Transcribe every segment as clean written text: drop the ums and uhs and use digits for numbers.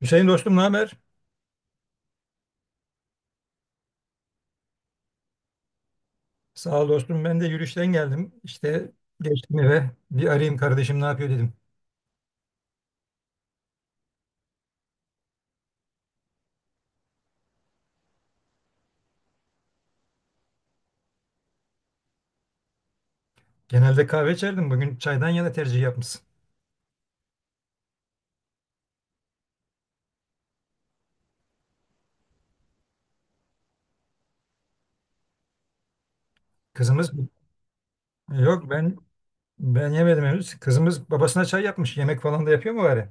Hüseyin dostum ne haber? Sağ ol dostum. Ben de yürüyüşten geldim. İşte geçtim eve. Bir arayayım kardeşim ne yapıyor dedim. Genelde kahve içerdim. Bugün çaydan yana tercih yapmışsın. Kızımız yok ben yemedim henüz. Kızımız babasına çay yapmış. Yemek falan da yapıyor mu bari?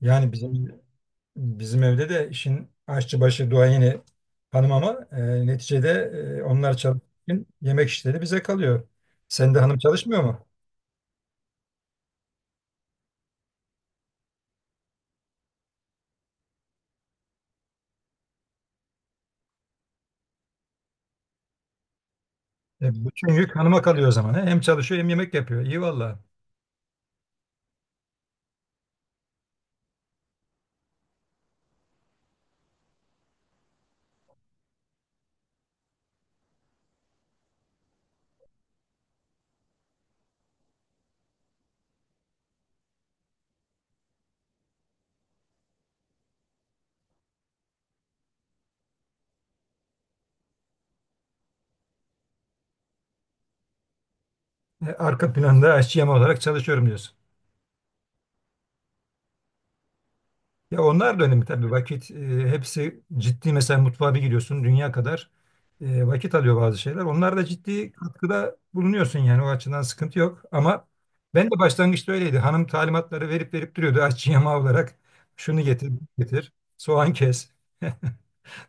Yani bizim evde de işin aşçı başı duayeni hanım ama neticede onlar çalışırken yemek işleri bize kalıyor. Sen de hanım çalışmıyor mu? E, bütün yük hanıma kalıyor o zaman. He? Hem çalışıyor hem yemek yapıyor. İyi valla. E, arka planda aşçı olarak çalışıyorum diyorsun. Ya onlar da önemli tabii vakit, hepsi ciddi mesela mutfağa bir giriyorsun dünya kadar vakit alıyor bazı şeyler. Onlar da ciddi katkıda bulunuyorsun yani o açıdan sıkıntı yok. Ama ben de başlangıçta öyleydi. Hanım talimatları verip duruyordu aşçı yama olarak şunu getir bunu getir soğan kes.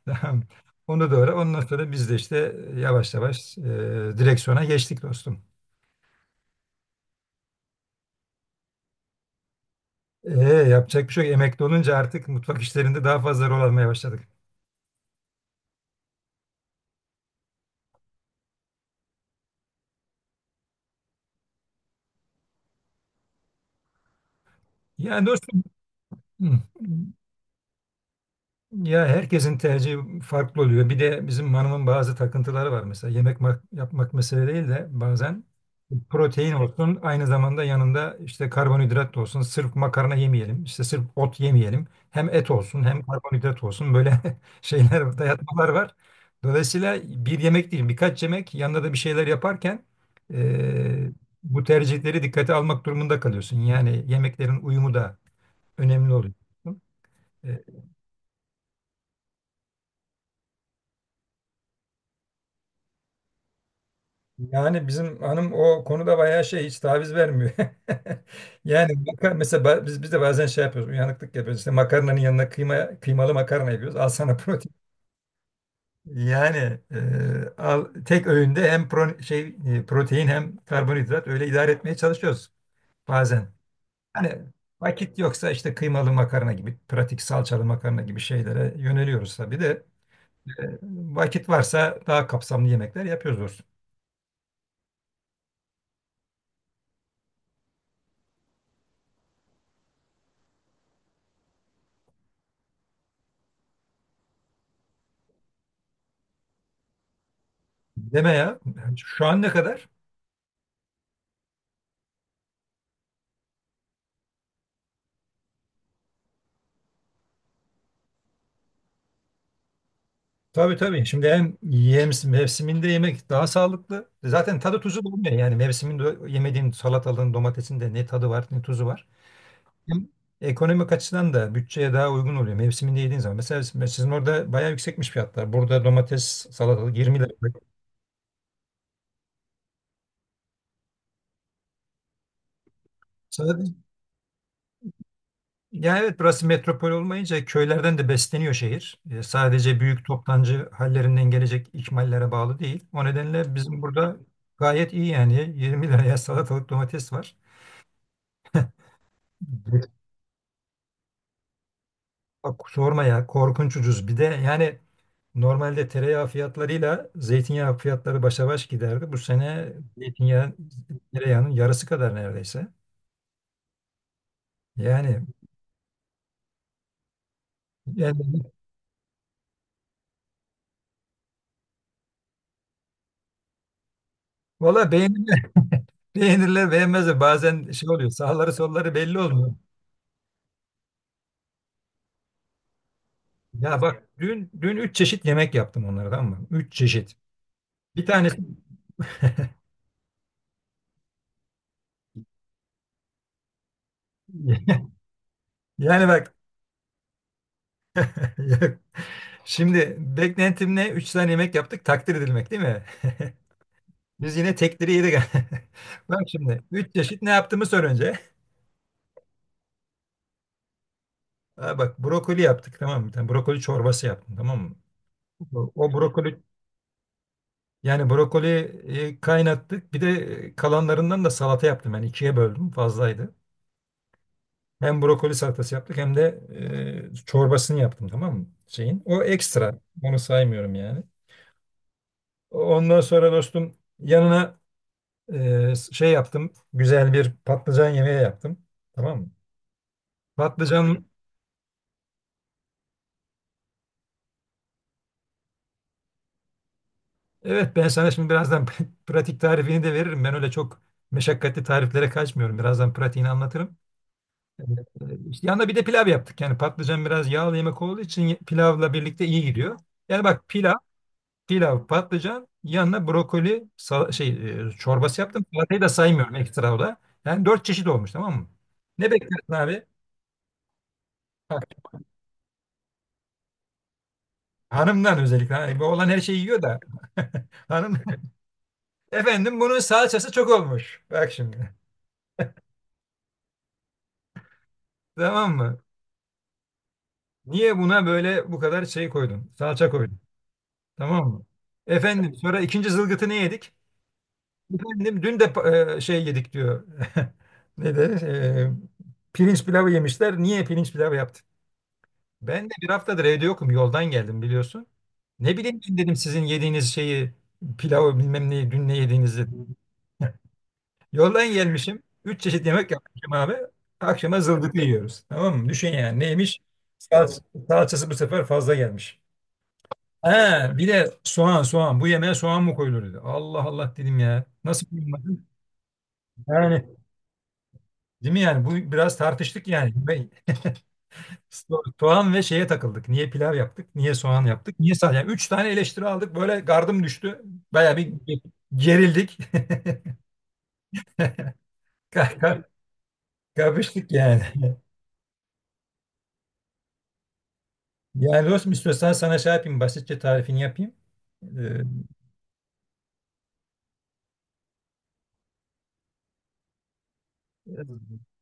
Tamam. Onu doğru. Ondan sonra biz de işte yavaş yavaş direksiyona geçtik dostum. E, yapacak bir şey yok. Emekli olunca artık mutfak işlerinde daha fazla rol almaya başladık. Yani dostum, hı, ya herkesin tercihi farklı oluyor. Bir de bizim hanımın bazı takıntıları var mesela. Yapmak mesele değil de bazen protein olsun, aynı zamanda yanında işte karbonhidrat da olsun. Sırf makarna yemeyelim, işte sırf ot yemeyelim. Hem et olsun hem karbonhidrat olsun. Böyle şeyler, dayatmalar var. Dolayısıyla bir yemek değil, birkaç yemek yanında da bir şeyler yaparken e, bu tercihleri dikkate almak durumunda kalıyorsun. Yani yemeklerin uyumu da önemli oluyor. Yani bizim hanım o konuda bayağı şey, hiç taviz vermiyor. Yani mesela biz de bazen şey yapıyoruz, uyanıklık yapıyoruz. İşte makarnanın yanına kıyma, kıymalı makarna yapıyoruz. Al sana protein. Yani al, tek öğünde hem protein hem karbonhidrat, öyle idare etmeye çalışıyoruz bazen. Hani vakit yoksa işte kıymalı makarna gibi, pratik salçalı makarna gibi şeylere yöneliyoruz tabii de, e, vakit varsa daha kapsamlı yemekler yapıyoruz doğrusu. Deme ya. Yani şu an ne kadar? Tabii tabii. Şimdi hem mevsiminde yemek daha sağlıklı. Zaten tadı tuzu bulmuyor. Yani mevsiminde yemediğin salatalığın, domatesin de ne tadı var ne tuzu var. Hem ekonomik açıdan da bütçeye daha uygun oluyor mevsiminde yediğin zaman. Mesela sizin orada bayağı yüksekmiş fiyatlar. Burada domates, salatalık 20 lira. Sadece, yani Evet, burası metropol olmayınca köylerden de besleniyor şehir. E, sadece büyük toptancı hallerinden gelecek ikmallere bağlı değil. O nedenle bizim burada gayet iyi yani. 20 liraya salatalık, domates var. Bak sorma ya, korkunç ucuz. Bir de yani normalde tereyağı fiyatlarıyla zeytinyağı fiyatları başa baş giderdi. Bu sene zeytinyağı tereyağının yarısı kadar neredeyse. Yani, yani Valla beğenirler, beğenirler, beğenmezler. Bazen şey oluyor, sağları solları belli olmuyor. Ya bak, dün üç çeşit yemek yaptım onlara, tamam mı? Üç çeşit. Bir tanesi yani bak, şimdi beklentimle üç tane yemek yaptık, takdir edilmek değil mi? Biz yine tekleri yedik. Bak şimdi 3 çeşit ne yaptığımı sor önce. Ha bak, brokoli yaptık tamam mı? Bir tane brokoli çorbası yaptım, tamam mı? O, o brokoli, yani brokoli kaynattık. Bir de kalanlarından da salata yaptım. Yani ikiye böldüm, fazlaydı. Hem brokoli salatası yaptık hem de çorbasını yaptım, tamam mı? Şeyin. O ekstra, onu saymıyorum yani. Ondan sonra dostum yanına şey yaptım, güzel bir patlıcan yemeği yaptım. Tamam mı? Patlıcan. Evet, ben sana şimdi birazdan pratik tarifini de veririm. Ben öyle çok meşakkatli tariflere kaçmıyorum. Birazdan pratiğini anlatırım. Evet. İşte yanında bir de pilav yaptık. Yani patlıcan biraz yağlı yemek olduğu için pilavla birlikte iyi gidiyor. Yani bak, pilav, patlıcan, yanına brokoli çorbası yaptım. Salatayı da saymıyorum, ekstra o da. Yani dört çeşit olmuş, tamam mı? Ne beklersin abi? Bak, hanımdan özellikle. Hani bu olan her şeyi yiyor da. Hanım. Efendim, bunun salçası çok olmuş. Bak şimdi. Tamam mı? Niye buna böyle bu kadar şey koydun? Salça koydun. Tamam mı? Efendim, sonra ikinci zılgıtı ne yedik? Efendim dün de şey yedik diyor. Ne de pirinç pilavı yemişler. Niye pirinç pilavı yaptın? Ben de bir haftadır evde yokum. Yoldan geldim biliyorsun. Ne bileyim ben, dedim sizin yediğiniz şeyi, pilavı, bilmem neyi, dün ne yediğinizi. Yoldan gelmişim. Üç çeşit yemek yapmışım abi. Akşama zılgıtı yiyoruz. Tamam mı? Düşün yani, neymiş? Salç- Salçası bu sefer fazla gelmiş. He, bir de soğan. Bu yemeğe soğan mı koyulur dedi. Allah Allah, dedim ya. Nasıl koyulmadı? Yani değil mi yani? Bu biraz tartıştık yani. Ve soğan ve şeye takıldık. Niye pilav yaptık? Niye soğan yaptık? Niye sadece? Yani üç tane eleştiri aldık. Böyle gardım düştü. Baya bir gerildik. Ka- ka- Kapıştık yani. Yani dostum, istiyorsan sana şey yapayım, basitçe tarifini yapayım. Ee,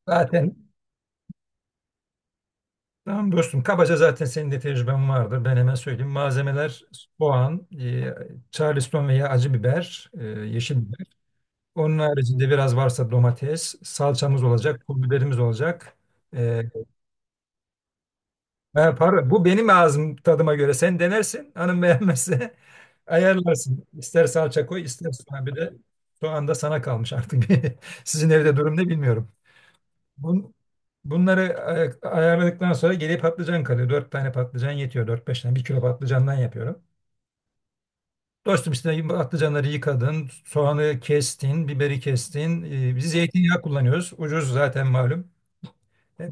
zaten Tamam dostum. Kabaca zaten senin de tecrüben vardır. Ben hemen söyleyeyim. Malzemeler: soğan, Charleston veya acı biber, yeşil biber. Onun haricinde biraz varsa domates, salçamız olacak, pul biberimiz olacak. E, ben para, bu benim ağzım tadıma göre. Sen denersin. Hanım beğenmezse ayarlarsın. İster salça koy, ister soğan. Bir de soğan da sana kalmış artık. Sizin evde durum ne bilmiyorum. Bun, Bunları ayarladıktan sonra geriye patlıcan kalıyor. Dört tane patlıcan yetiyor. Dört beş tane. Bir kilo patlıcandan yapıyorum. Dostum işte patlıcanları yıkadın, soğanı kestin, biberi kestin. Biz zeytinyağı kullanıyoruz. Ucuz zaten, malum. E,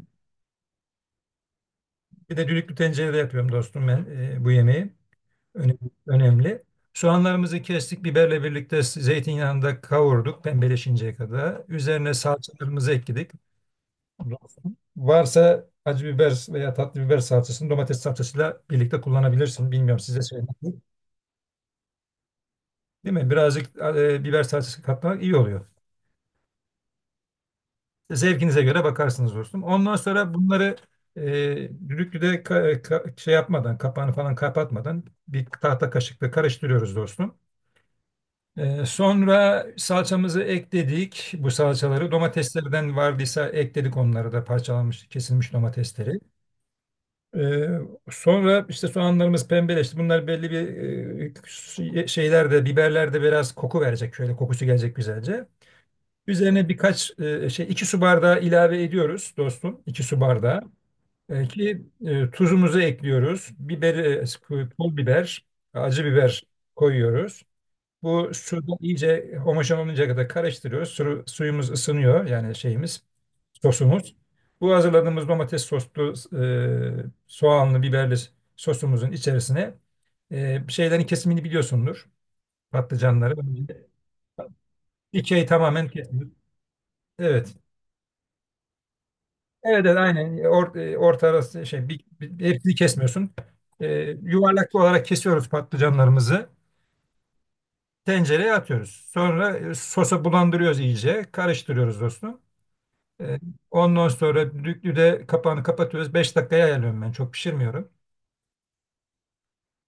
bir de düdüklü tencerede yapıyorum dostum ben bu yemeği. Öne- Önemli. Soğanlarımızı kestik, biberle birlikte zeytinyağında kavurduk pembeleşinceye kadar. Üzerine salçalarımızı ekledik. Varsa acı biber veya tatlı biber salçasını domates salçasıyla birlikte kullanabilirsin. Bilmiyorum, size söyledim. Değil mi? Birazcık biber salçası katmak iyi oluyor. Zevkinize göre bakarsınız dostum. Ondan sonra bunları e, düdüklüde şey yapmadan, kapağını falan kapatmadan bir tahta kaşıkla karıştırıyoruz dostum. E, sonra salçamızı ekledik. Bu salçaları, domateslerden vardıysa ekledik onları da, parçalanmış, kesilmiş domatesleri. Ee, Sonra işte soğanlarımız pembeleşti. Bunlar belli bir şeylerde, biberlerde biraz koku verecek. Şöyle kokusu gelecek güzelce. Üzerine birkaç iki su bardağı ilave ediyoruz dostum. İki su bardağı. Tuzumuzu ekliyoruz. Pul biber, acı biber koyuyoruz. Bu sudan iyice homojen oluncaya kadar karıştırıyoruz. Suyumuz ısınıyor yani sosumuz. Bu hazırladığımız domates soslu, soğanlı, biberli sosumuzun içerisine şeylerin kesimini biliyorsundur. Patlıcanları. Dikey tamamen kesmiyoruz. Evet. Evet, evet aynen. Orta arası şey hepsini kesmiyorsun. E, Yuvarlak olarak kesiyoruz patlıcanlarımızı. Tencereye atıyoruz. Sonra sosa bulandırıyoruz iyice. Karıştırıyoruz dostum. Ee, Ondan sonra düdüklü kapağını kapatıyoruz. 5 dakikaya ayarlıyorum ben. Çok pişirmiyorum.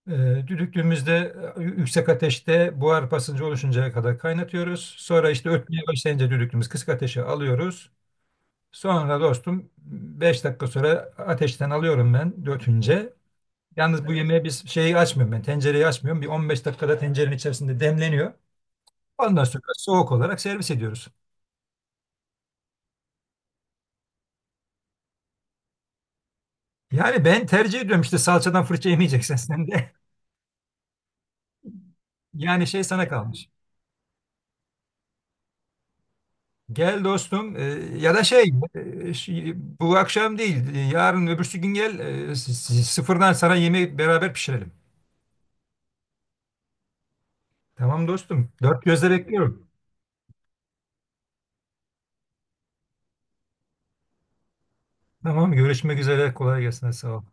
Düdüklüğümüzde yüksek ateşte buhar basıncı oluşuncaya kadar kaynatıyoruz. Sonra işte ötmeye başlayınca düdüklümüz, kısık ateşe alıyoruz. Sonra dostum 5 dakika sonra ateşten alıyorum ben dötünce. Yalnız bu yemeğe biz açmıyorum, ben tencereyi açmıyorum. Bir 15 dakikada tencerenin içerisinde demleniyor. Ondan sonra soğuk olarak servis ediyoruz. Yani ben tercih ediyorum işte, salçadan fırça yemeyeceksen sen de. Yani şey sana kalmış. Gel dostum. Ya da bu akşam değil, yarın öbürsü gün gel, sıfırdan sana yemeği beraber pişirelim. Tamam dostum, dört gözle bekliyorum. Tamam, görüşmek üzere, kolay gelsin, sağ ol.